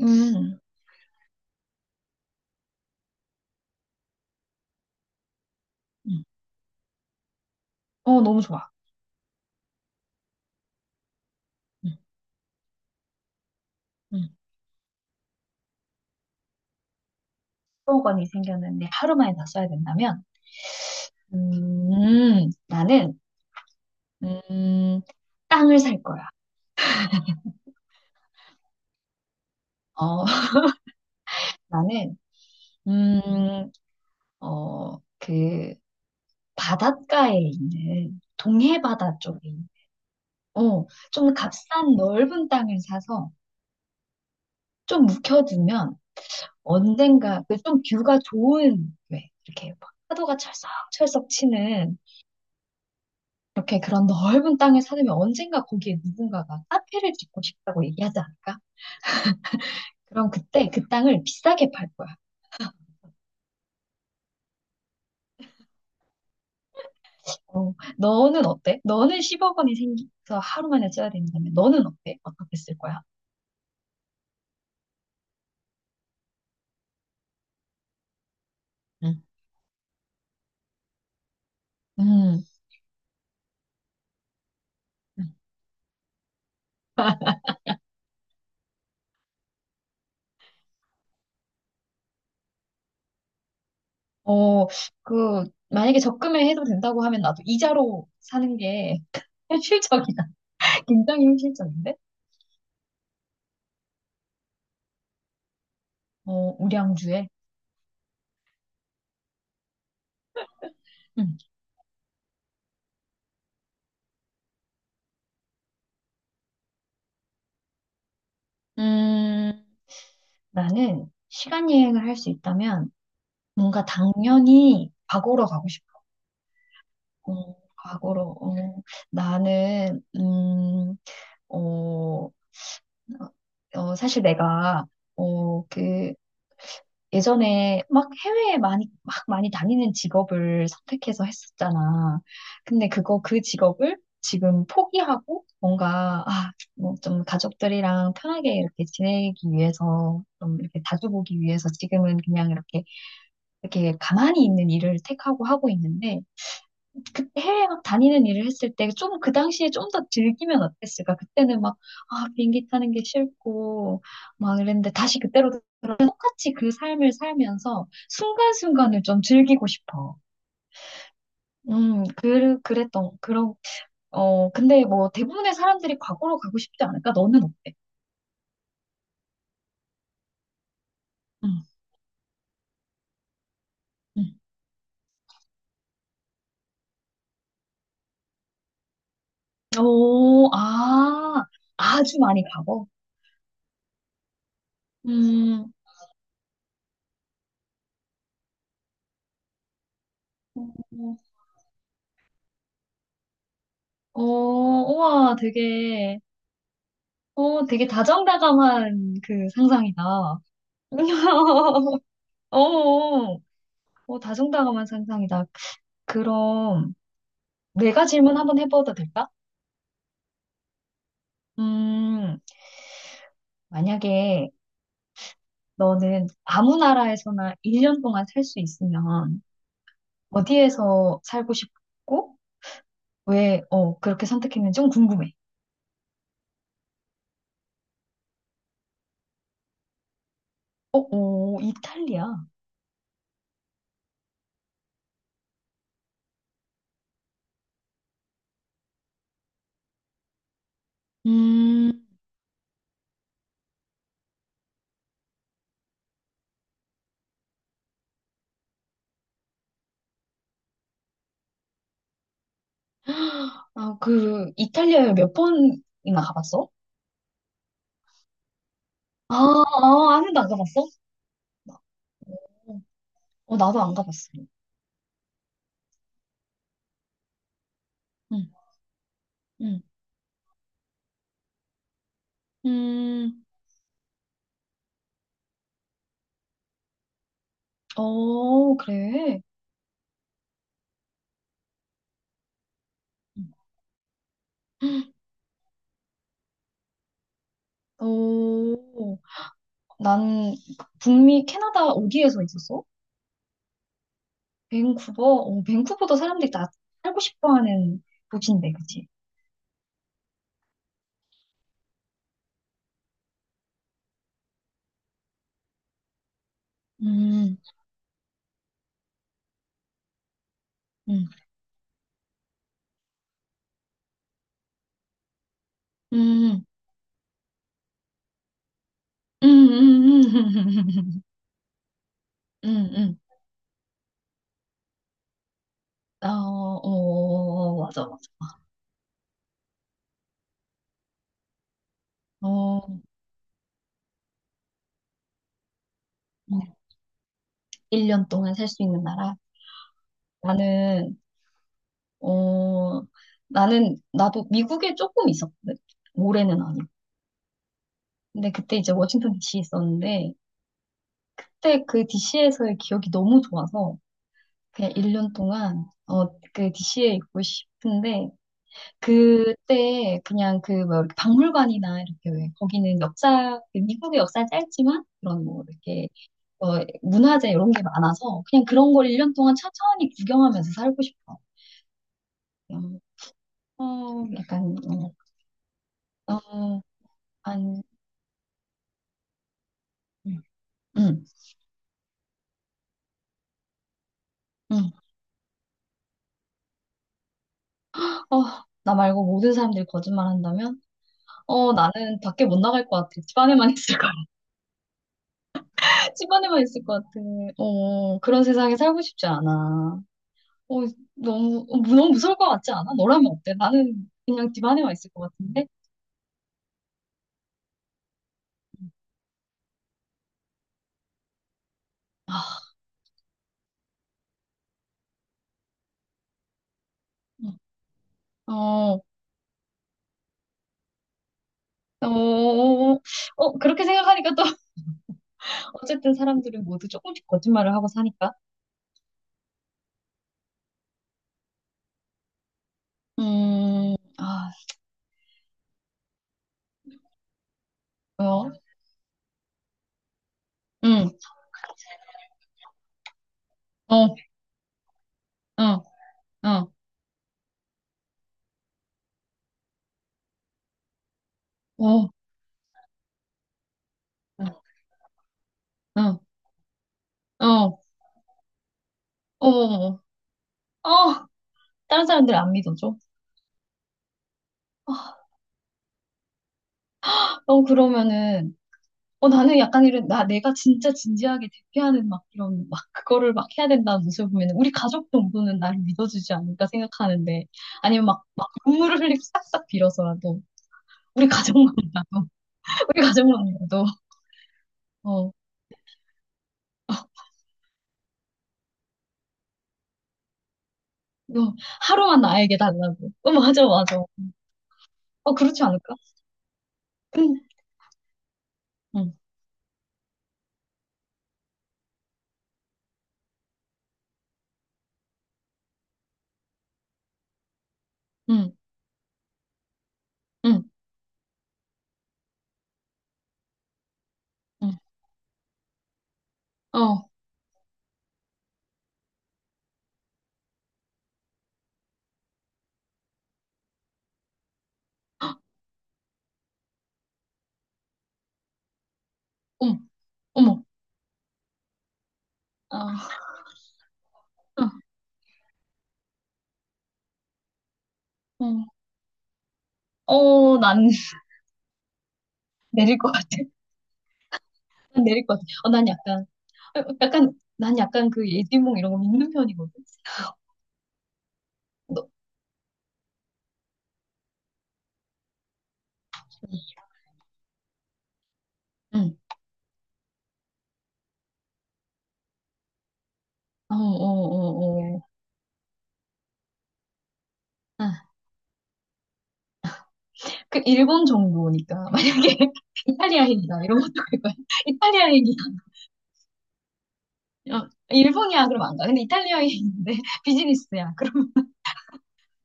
음, 음. 어, 너무 좋아. 음, 음. 1억 원이 생겼는데 하루 만에 다 써야 된다면 나는 음, 땅을 살 거야. 어, 나는 음, 그 바닷가에 있는 동해 바다 쪽에 있는 어, 좀 값싼 넓은 땅을 사서 좀 묵혀두면 언젠가 그 좀 뷰가 좋은 왜 이렇게 막 파도가 철썩철썩 치는 이렇게 그런 넓은 땅을 사려면 언젠가 거기에 누군가가 카페를 짓고 싶다고 얘기하지 않을까? 그럼 그때 그 땅을 비싸게 팔 거야. 너는 어때? 너는 10억 원이 생겨서 하루 만에 써야 된다면 너는 어때? 어떻게 쓸 거야? 응. 음, 어, 그, 만약에 적금에 해도 된다고 하면 나도 이자로 사는 게 현실적이다. 굉장히 현실적인데? 어, 우량주에. 음. 음, 나는 시간 여행을 할 수 있다면 뭔가 당연히 과거로 가고 싶어. 음, 과거로. 어, 나는 어, 사실 내가 그 예전에 막 해외에 많이 막 많이 다니는 직업을 선택해서 했었잖아. 근데 그거 그 직업을 지금 포기하고 뭔가 아, 뭐 좀 가족들이랑 편하게 이렇게 지내기 위해서 좀 이렇게 자주 보기 위해서 지금은 그냥 이렇게 가만히 있는 일을 택하고 하고 있는데 그 해외 막 다니는 일을 했을 때 좀 그 당시에 좀 더 즐기면 어땠을까? 그때는 막, 아, 비행기 타는 게 싫고, 막 이랬는데 다시 그때로 돌아가 똑같이 그 삶을 살면서 순간순간을 좀 즐기고 싶어. 그랬던, 그런, 근데 뭐 대부분의 사람들이 과거로 가고 싶지 않을까? 너는 어때? 음, 음. 오, 아, 아주 많이 가고. 음, 어, 우와, 되게. 오, 되게 다정다감한 그 상상이다. 어, 어, 다정다감한 상상이다. 그럼 내가 질문 한번 해봐도 될까? 음, 만약에 너는 아무 나라에서나 1년 동안 살 수 있으면 어디에서 살고 싶고 왜, 그렇게 선택했는지 좀 궁금해. 어, 오, 이탈리아. 음, 아, 그, 이탈리아에 몇 번이나 가봤어? 아, 아, 한 번도 안 가봤어? 어, 어, 나도 안 가봤어. 응, 응. 음, 그래. 오, 난 북미, 캐나다 어디에서 있었어? 밴쿠버? 어, 밴쿠버도 사람들이 다 살고 싶어 하는 도시인데, 그치? 음, 음, 음, 음, 음, 음, 음, 음. 음, 음, 음. 어, 어, 어, 어, 맞아, 맞아. 어, 1년 동안 살 수 있는 나라? 나는 어, 나도 미국에 조금 있었거든. 올해는 아니고. 근데 그때 이제 워싱턴 DC 에 있었는데, 그때 그 DC에서의 기억이 너무 좋아서, 그냥 1년 동안, 그 DC에 있고 싶은데, 그때 그냥 그, 뭐, 이렇게 박물관이나 이렇게, 왜 거기는 역사, 그 미국의 역사 짧지만, 그런 뭐, 이렇게, 문화재 이런 게 많아서, 그냥 그런 걸 1년 동안 천천히 구경하면서 살고 싶어. 그냥, 약간, 어, 어, 한, 음. 응, 응. 어, 나 말고 모든 사람들이 거짓말 한다면? 나는 밖에 못 나갈 것 같아. 집 안에만 있을 것 같아. 집 안에만 있을 것 같아. 그런 세상에 살고 싶지 않아. 어, 너무, 너무 무서울 것 같지 않아? 너라면 어때? 나는 그냥 집 안에만 있을 것 같은데? 아, 응. 어, 어, 어, 어, 어, 그렇게 생각하니까 또, 어쨌든 사람들은 모두 조금씩 거짓말을 하고 사니까. 아, 어, 응, 어, 어, 어, 어, 어, 어, 어. 어, 어, 아, 다른 사람들 안 믿어줘? 아, 그러면은, 나는 약간 이런, 내가 진짜 진지하게 대피하는 막 이런, 막 그거를 막 해야 된다는 모습을 보면 우리 가족 정도는 나를 믿어주지 않을까 생각하는데, 아니면 막 눈물을 흘리고 싹싹 빌어서라도, 우리 가족만이라도, 우리 가족만이라도, 어, 어, 너 하루만 나에게 달라고. 어, 맞아, 맞아. 어, 그렇지 않을까? 근, 응, 응, 응, 응, 어, 어머, 어머, 아, 어, 어, 난 내릴 것 같아. 난 내릴 것 같아. 어, 약간, 난 약간 그 예지몽 이런 거 믿는 편이거든. 너, 응. 어, 어, 어, 어. 아, 그 일본 정도니까 만약에 이탈리아인이다 이런 것도 그거야. 이탈리아인이다. 어, 일본이야 그럼 안 가. 근데 이탈리아인인데 비즈니스야. 그럼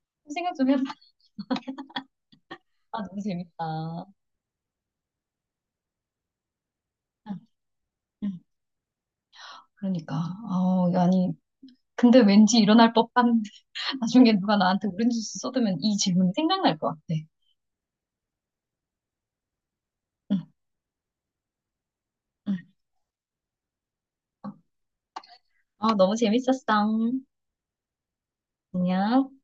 생각 좀 해봐. 아, 너무 재밌다. 응, 응. 그러니까. 아, 아니. 근데 왠지 일어날 법한 나중에 누가 나한테 오렌지 주스 쏟으면 이 질문이 생각날 것 같아. 응, 응. 너무 재밌었어. 안녕.